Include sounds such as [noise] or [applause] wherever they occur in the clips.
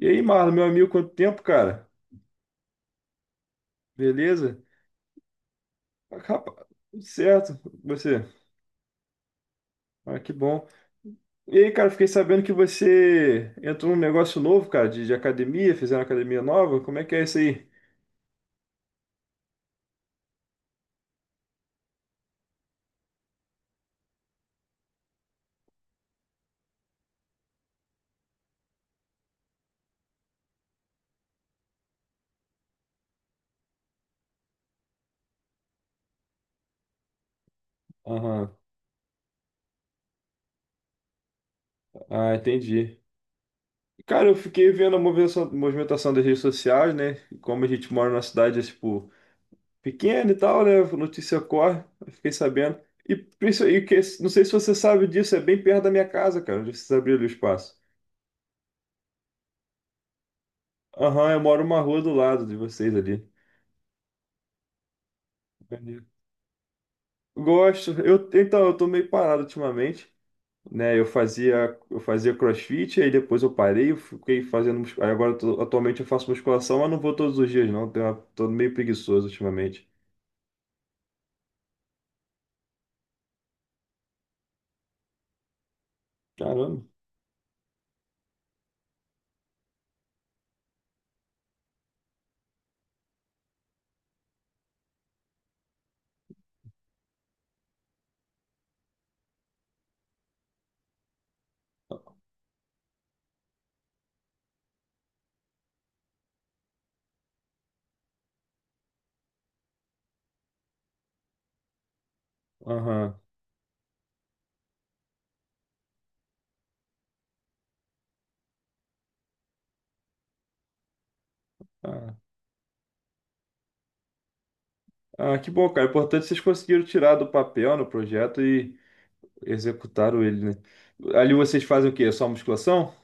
E aí, Marlon, meu amigo, quanto tempo, cara? Beleza? Ah, rapaz, tudo certo, você? Ah, que bom. E aí, cara, fiquei sabendo que você entrou num negócio novo, cara, de academia, fizeram academia nova. Como é que é isso aí? Aham. Ah, entendi. Cara, eu fiquei vendo a movimentação, movimentação das redes sociais, né? Como a gente mora numa cidade, tipo, pequena e tal, né? Notícia corre, eu fiquei sabendo. E, princi- e que, não sei se você sabe disso, é bem perto da minha casa, cara, onde vocês abriram o espaço. Aham, eu moro uma rua do lado de vocês ali. Maneiro. Gosto. Então, eu tô meio parado ultimamente, né? Eu fazia CrossFit, aí depois eu parei, eu fiquei fazendo, mus- aí agora atualmente eu faço musculação, mas não vou todos os dias não. Tô meio preguiçoso ultimamente. Caramba. Aham. Ah, ah, que bom, cara. O importante é que vocês conseguiram tirar do papel no projeto e executaram ele, né? Ali vocês fazem o quê? É só musculação?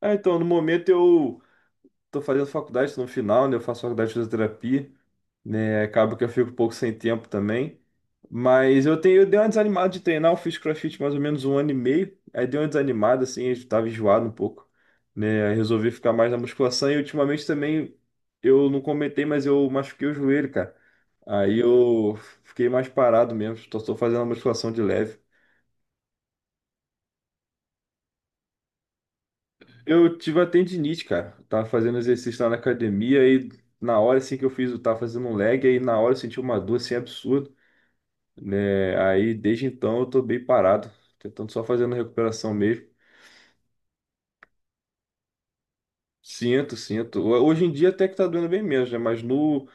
Ah, então, no momento eu tô fazendo faculdade, tô no final, né? Eu faço faculdade de fisioterapia. Né? Acaba que eu fico um pouco sem tempo também. Mas eu tenho, eu dei uma desanimada de treinar, eu fiz CrossFit mais ou menos um ano e meio. Aí dei uma desanimada, assim, eu tava enjoado um pouco, né? Aí resolvi ficar mais na musculação e ultimamente também eu não comentei, mas eu machuquei o joelho, cara. Aí eu fiquei mais parado mesmo, só tô fazendo uma musculação de leve. Eu tive a tendinite, cara. Tava fazendo exercício lá na academia e na hora assim que eu fiz, eu tava fazendo um leg, aí na hora eu senti uma dor assim absurda. Né? Aí desde então eu tô bem parado, tentando só fazendo recuperação mesmo. Sinto, sinto. Hoje em dia até que tá doendo bem menos, né? Mas no,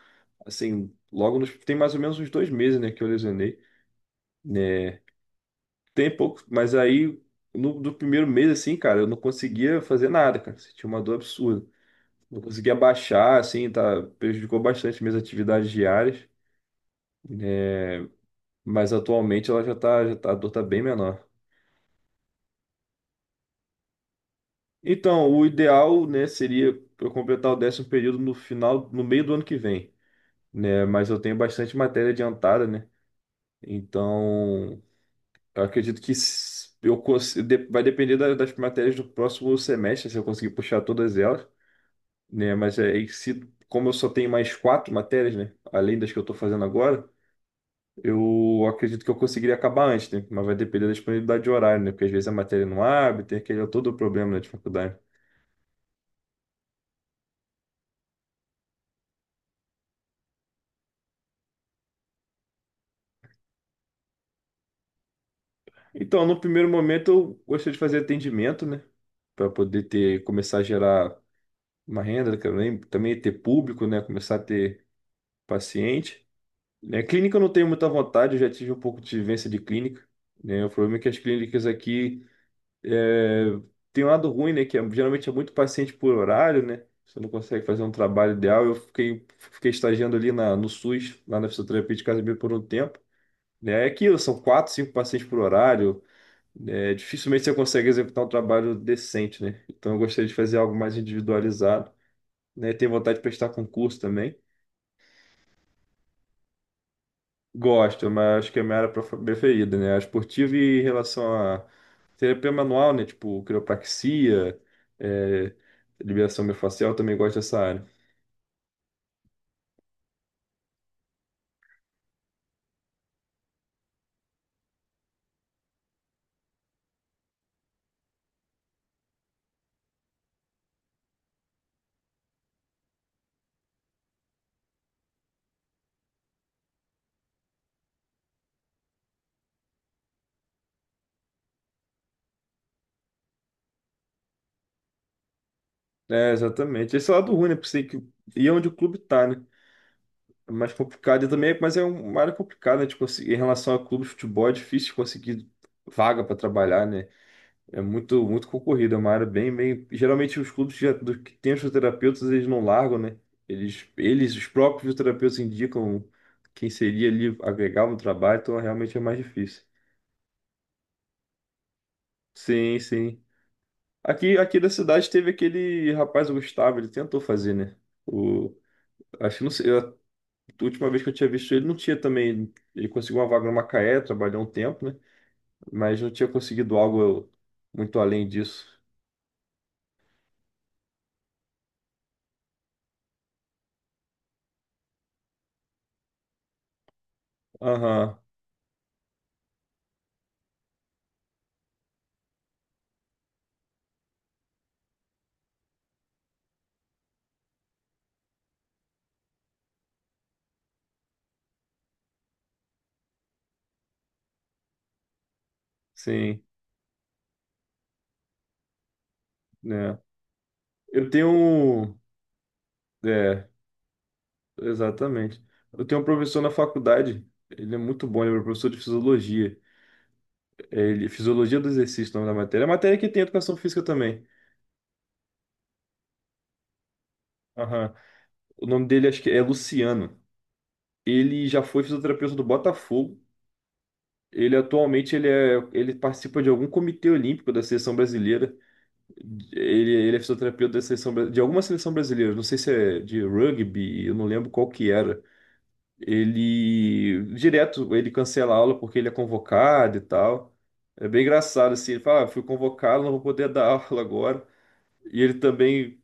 assim, logo nos, Tem mais ou menos uns dois meses, né, que eu lesionei, né? Tem pouco, mas aí no, do primeiro mês, assim, cara, eu não conseguia fazer nada, cara. Sentia uma dor absurda. Não conseguia baixar, assim, tá, prejudicou bastante minhas atividades diárias, né? Mas atualmente ela já tá, a dor tá bem menor. Então, o ideal, né, seria eu completar o décimo período no final, no meio do ano que vem, né? Mas eu tenho bastante matéria adiantada, né? Então, eu acredito que s- eu cons- de- vai depender das matérias do próximo semestre, se eu conseguir puxar todas elas, né? Mas é e se, Como eu só tenho mais quatro matérias, né, além das que eu estou fazendo agora, eu acredito que eu conseguiria acabar antes, né? Mas vai depender da disponibilidade de horário, né? Porque às vezes a matéria não abre, tem aquele todo o problema, né, de faculdade. Então, no primeiro momento eu gostei de fazer atendimento, né? Para poder ter, começar a gerar uma renda, que eu lembro, também ter público, né? Começar a ter paciente. Né? Clínica eu não tenho muita vontade, eu já tive um pouco de vivência de clínica, né? O problema é que as clínicas aqui é, tem um lado ruim, né? Geralmente é muito paciente por horário, né? Você não consegue fazer um trabalho ideal. Eu fiquei estagiando no SUS, lá na fisioterapia de Casimiro por um tempo. Né? É aquilo, são quatro, cinco pacientes por horário, é, dificilmente você consegue executar um trabalho decente, né? Então eu gostaria de fazer algo mais individualizado, né? Tenho vontade de prestar concurso também. Gosto, mas acho que é a minha área preferida, né? A esportiva e em relação a terapia manual, né? Tipo quiropraxia, é, liberação miofascial, eu também gosto dessa área. É, exatamente. Esse é o lado ruim, né? Porque você tem que ir onde o clube tá, né? É mais complicado e também, mas é uma área complicada, né? Em relação a clube de futebol, é difícil conseguir vaga para trabalhar, né? É muito, muito concorrido, é uma área bem, bem. Geralmente os clubes que, já, que têm os fisioterapeutas, eles não largam, né? Eles, os próprios fisioterapeutas indicam quem seria ali agregar no trabalho, então realmente é mais difícil. Sim, sim. Aqui da cidade teve aquele rapaz, o Gustavo, ele tentou fazer, né? O, Acho que não sei, a última vez que eu tinha visto ele, não tinha também. Ele conseguiu uma vaga no Macaé, trabalhou um tempo, né? Mas não tinha conseguido algo muito além disso. Aham, sim. Né? Eu tenho. um- É, exatamente. Eu tenho um professor na faculdade. Ele é muito bom, ele é meu professor de fisiologia. É, fisiologia do exercício, o nome da matéria. É a matéria que tem educação física também. Aham. O nome dele acho que é Luciano. Ele já foi fisioterapeuta do Botafogo. Ele atualmente ele participa de algum comitê olímpico da seleção brasileira. Ele é fisioterapeuta da seleção, de alguma seleção brasileira. Não sei se é de rugby, eu não lembro qual que era. Ele direto ele cancela a aula porque ele é convocado e tal. É bem engraçado assim, ele fala, ah, fui convocado, não vou poder dar [laughs] aula agora. E ele também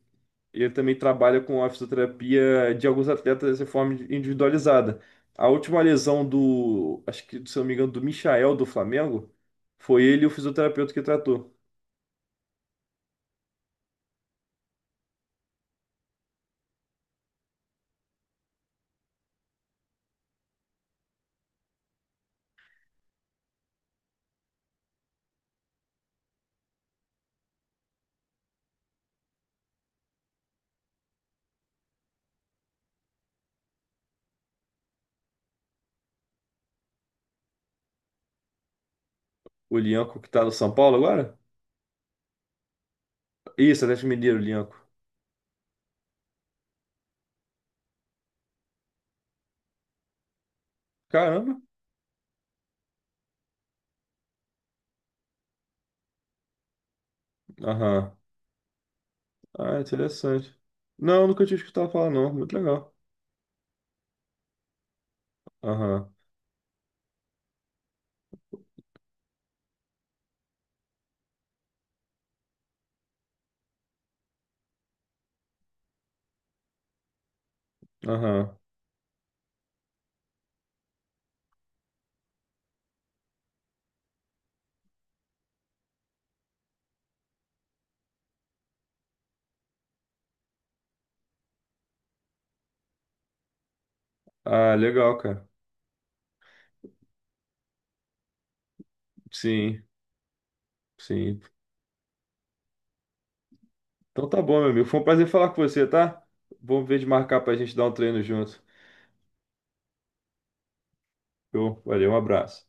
ele também trabalha com a fisioterapia de alguns atletas de forma individualizada. A última lesão do, acho que, se eu não me engano, do Michael do Flamengo, foi ele o fisioterapeuta que tratou. O Lianco que tá no São Paulo agora? Isso, Atlético Mineiro, Lianco. Caramba. Aham. Ah, interessante. Não, nunca tinha escutado falar, não. Muito legal. Aham, aham. Ah, legal, cara. Sim, sim. Então tá bom, meu amigo. Foi um prazer falar com você, tá? Vamos ver de marcar pra gente dar um treino junto. Eu, valeu, um abraço.